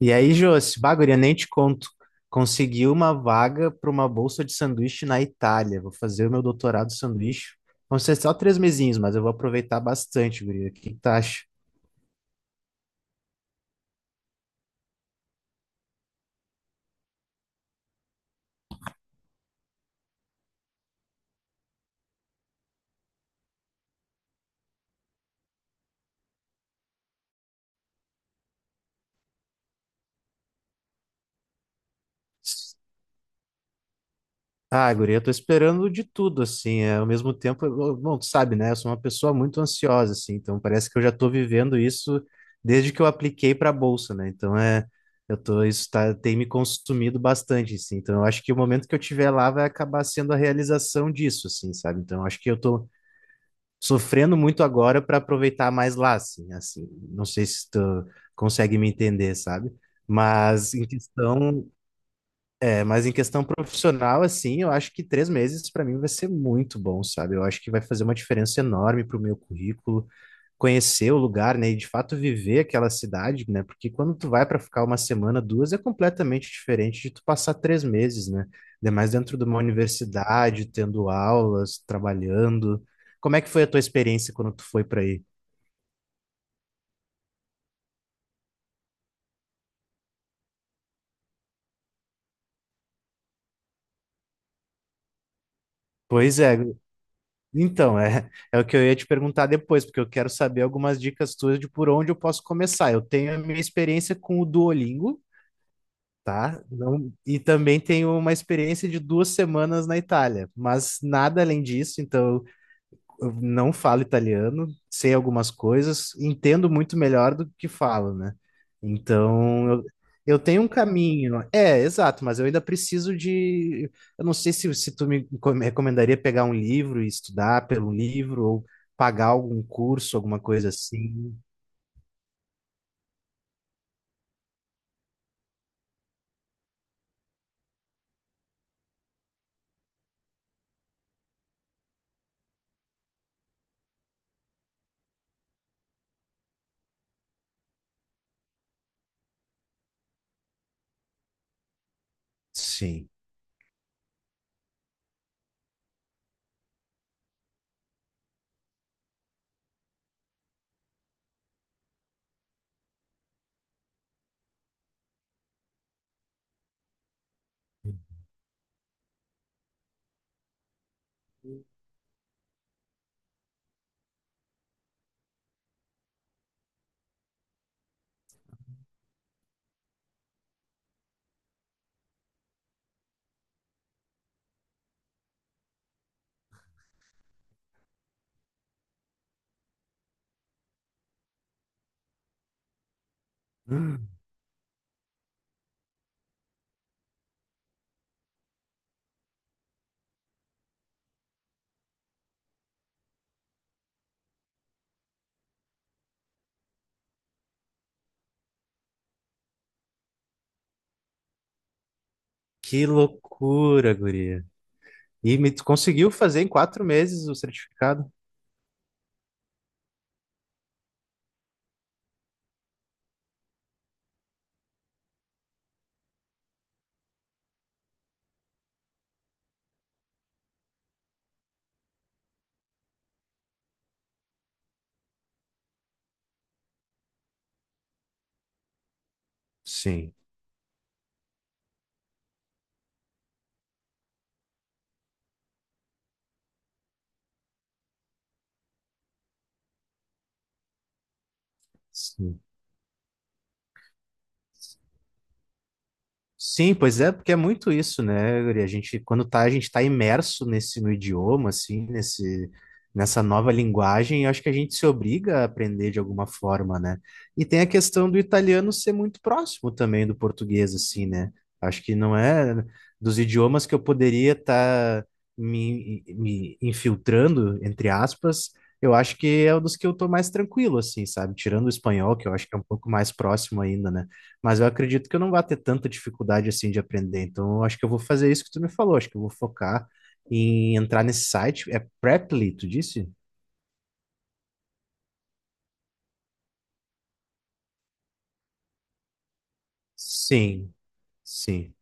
E aí, Josi, bagulho, nem te conto. Consegui uma vaga para uma bolsa de sanduíche na Itália. Vou fazer o meu doutorado de sanduíche. Vão ser só 3 mesinhos, mas eu vou aproveitar bastante, guria. O que que tu acha? Ah, guria, eu tô esperando de tudo, assim, é, ao mesmo tempo, bom, tu sabe, né, eu sou uma pessoa muito ansiosa, assim, então parece que eu já tô vivendo isso desde que eu apliquei pra bolsa, né, então é, isso tá, tem me consumido bastante, assim, então eu acho que o momento que eu tiver lá vai acabar sendo a realização disso, assim, sabe, então eu acho que eu tô sofrendo muito agora pra aproveitar mais lá, assim, assim, não sei se tu consegue me entender, sabe, mas em questão... É, mas em questão profissional, assim, eu acho que 3 meses para mim vai ser muito bom, sabe? Eu acho que vai fazer uma diferença enorme para o meu currículo, conhecer o lugar, né? E de fato viver aquela cidade, né? Porque quando tu vai para ficar uma semana, duas, é completamente diferente de tu passar 3 meses, né? Ainda mais dentro de uma universidade, tendo aulas, trabalhando. Como é que foi a tua experiência quando tu foi para aí? Pois é. Então, é o que eu ia te perguntar depois, porque eu quero saber algumas dicas tuas de por onde eu posso começar. Eu tenho a minha experiência com o Duolingo, tá? E também tenho uma experiência de 2 semanas na Itália, mas nada além disso. Então, eu não falo italiano, sei algumas coisas, entendo muito melhor do que falo, né? Então, eu tenho um caminho. É, exato, mas eu ainda preciso de. Eu não sei se tu me recomendaria pegar um livro e estudar pelo livro, ou pagar algum curso, alguma coisa assim. Sim. Hum. Que loucura, guria. E me tu conseguiu fazer em 4 meses o certificado? Sim, sim. Sim, pois é, porque é muito isso, né, Guri? A gente, quando tá, a gente tá imerso nesse no idioma, assim, nessa nova linguagem, eu acho que a gente se obriga a aprender de alguma forma, né? E tem a questão do italiano ser muito próximo também do português, assim, né? Acho que não é dos idiomas que eu poderia estar me infiltrando, entre aspas, eu acho que é um dos que eu tô mais tranquilo, assim, sabe? Tirando o espanhol, que eu acho que é um pouco mais próximo ainda, né? Mas eu acredito que eu não vá ter tanta dificuldade assim de aprender. Então, eu acho que eu vou fazer isso que tu me falou. Acho que eu vou focar em entrar nesse site. É Preply, tu disse? Sim, sim.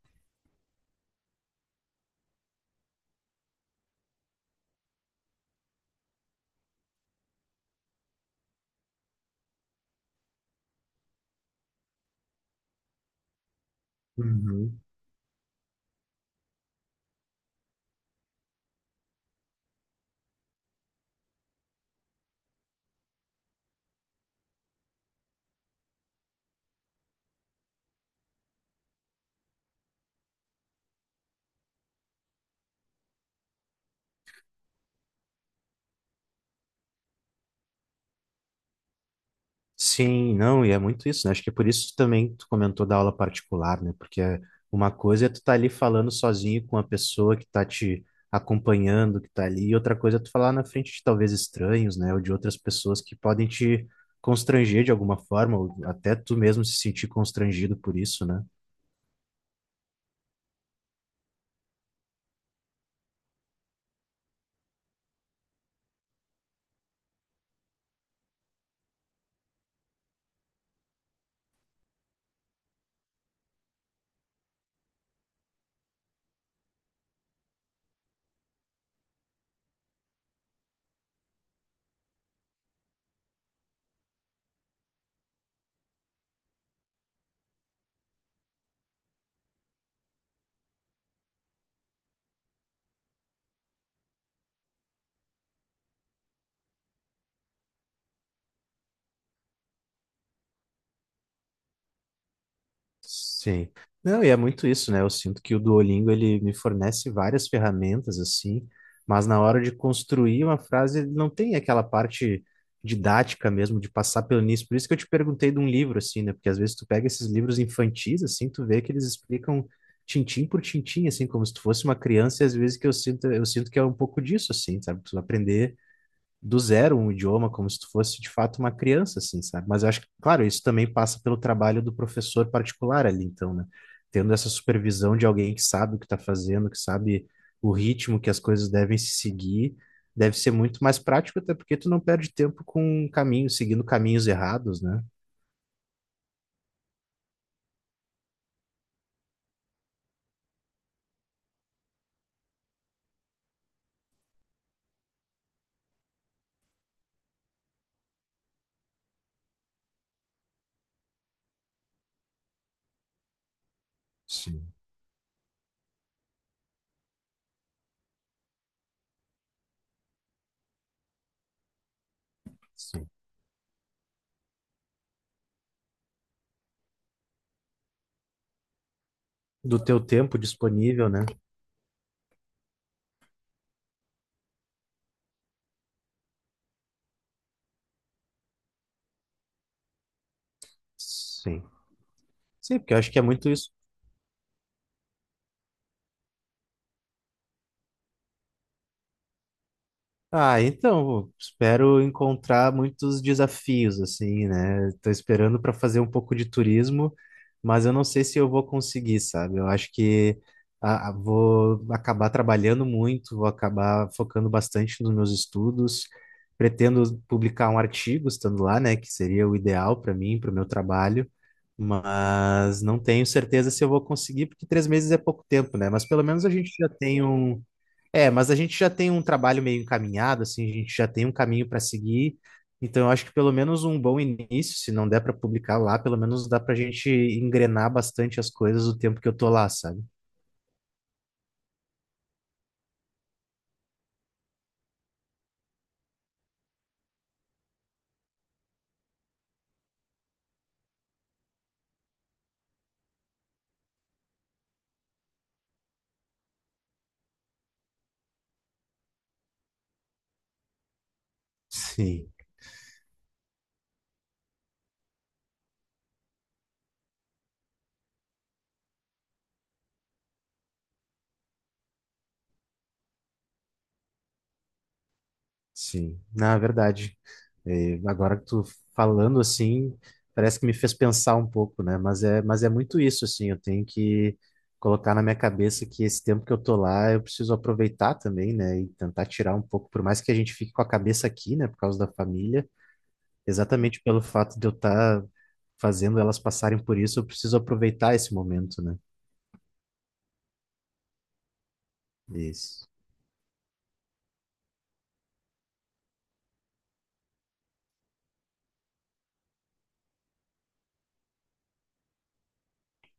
Uhum. Sim, não, e é muito isso, né? Acho que é por isso também que tu comentou da aula particular, né? Porque é uma coisa é tu tá ali falando sozinho com a pessoa que tá te acompanhando, que tá ali, e outra coisa é tu falar na frente de talvez estranhos, né? Ou de outras pessoas que podem te constranger de alguma forma, ou até tu mesmo se sentir constrangido por isso, né? Sim. Não, e é muito isso, né? Eu sinto que o Duolingo ele me fornece várias ferramentas assim, mas na hora de construir uma frase ele não tem aquela parte didática mesmo de passar pelo início. Por isso que eu te perguntei de um livro assim, né? Porque às vezes tu pega esses livros infantis assim, tu vê que eles explicam tintim por tintim assim, como se tu fosse uma criança, e às vezes eu sinto que é um pouco disso assim, sabe? Tu aprender do zero um idioma, como se tu fosse de fato uma criança, assim, sabe? Mas eu acho que, claro, isso também passa pelo trabalho do professor particular ali, então, né? Tendo essa supervisão de alguém que sabe o que está fazendo, que sabe o ritmo que as coisas devem se seguir, deve ser muito mais prático, até porque tu não perde tempo com caminhos, seguindo caminhos errados, né? Sim, sim. Do teu tempo disponível, né? Sim. Sim, porque eu acho que é muito isso. Ah, então, espero encontrar muitos desafios, assim, né? Estou esperando para fazer um pouco de turismo, mas eu não sei se eu vou conseguir, sabe? Eu acho que ah, ah, vou acabar trabalhando muito, vou acabar focando bastante nos meus estudos. Pretendo publicar um artigo estando lá, né? Que seria o ideal para mim, para o meu trabalho, mas não tenho certeza se eu vou conseguir, porque 3 meses é pouco tempo, né? Mas pelo menos a gente já tem um. É, mas a gente já tem um trabalho meio encaminhado, assim, a gente já tem um caminho para seguir. Então, eu acho que pelo menos um bom início, se não der para publicar lá, pelo menos dá para a gente engrenar bastante as coisas o tempo que eu tô lá, sabe? Sim, sim. Na verdade, é, agora que tu falando assim, parece que me fez pensar um pouco, né? Mas é muito isso, assim, eu tenho que colocar na minha cabeça que esse tempo que eu tô lá, eu preciso aproveitar também, né? E tentar tirar um pouco, por mais que a gente fique com a cabeça aqui, né, por causa da família. Exatamente pelo fato de eu estar fazendo elas passarem por isso, eu preciso aproveitar esse momento, né? Isso.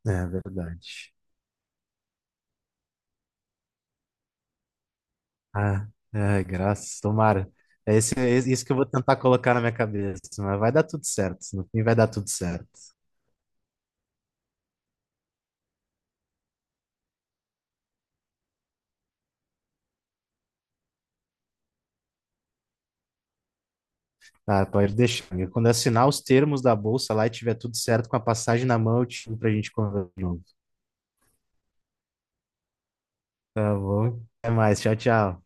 É verdade. Ah, é, graças, tomara. É isso que eu vou tentar colocar na minha cabeça, mas vai dar tudo certo. No fim vai dar tudo certo. Ah, pode deixar, amigo. Quando eu assinar os termos da bolsa lá e tiver tudo certo com a passagem na mão, eu te chamo pra gente conversar de novo. Tá bom? Até mais. Tchau, tchau.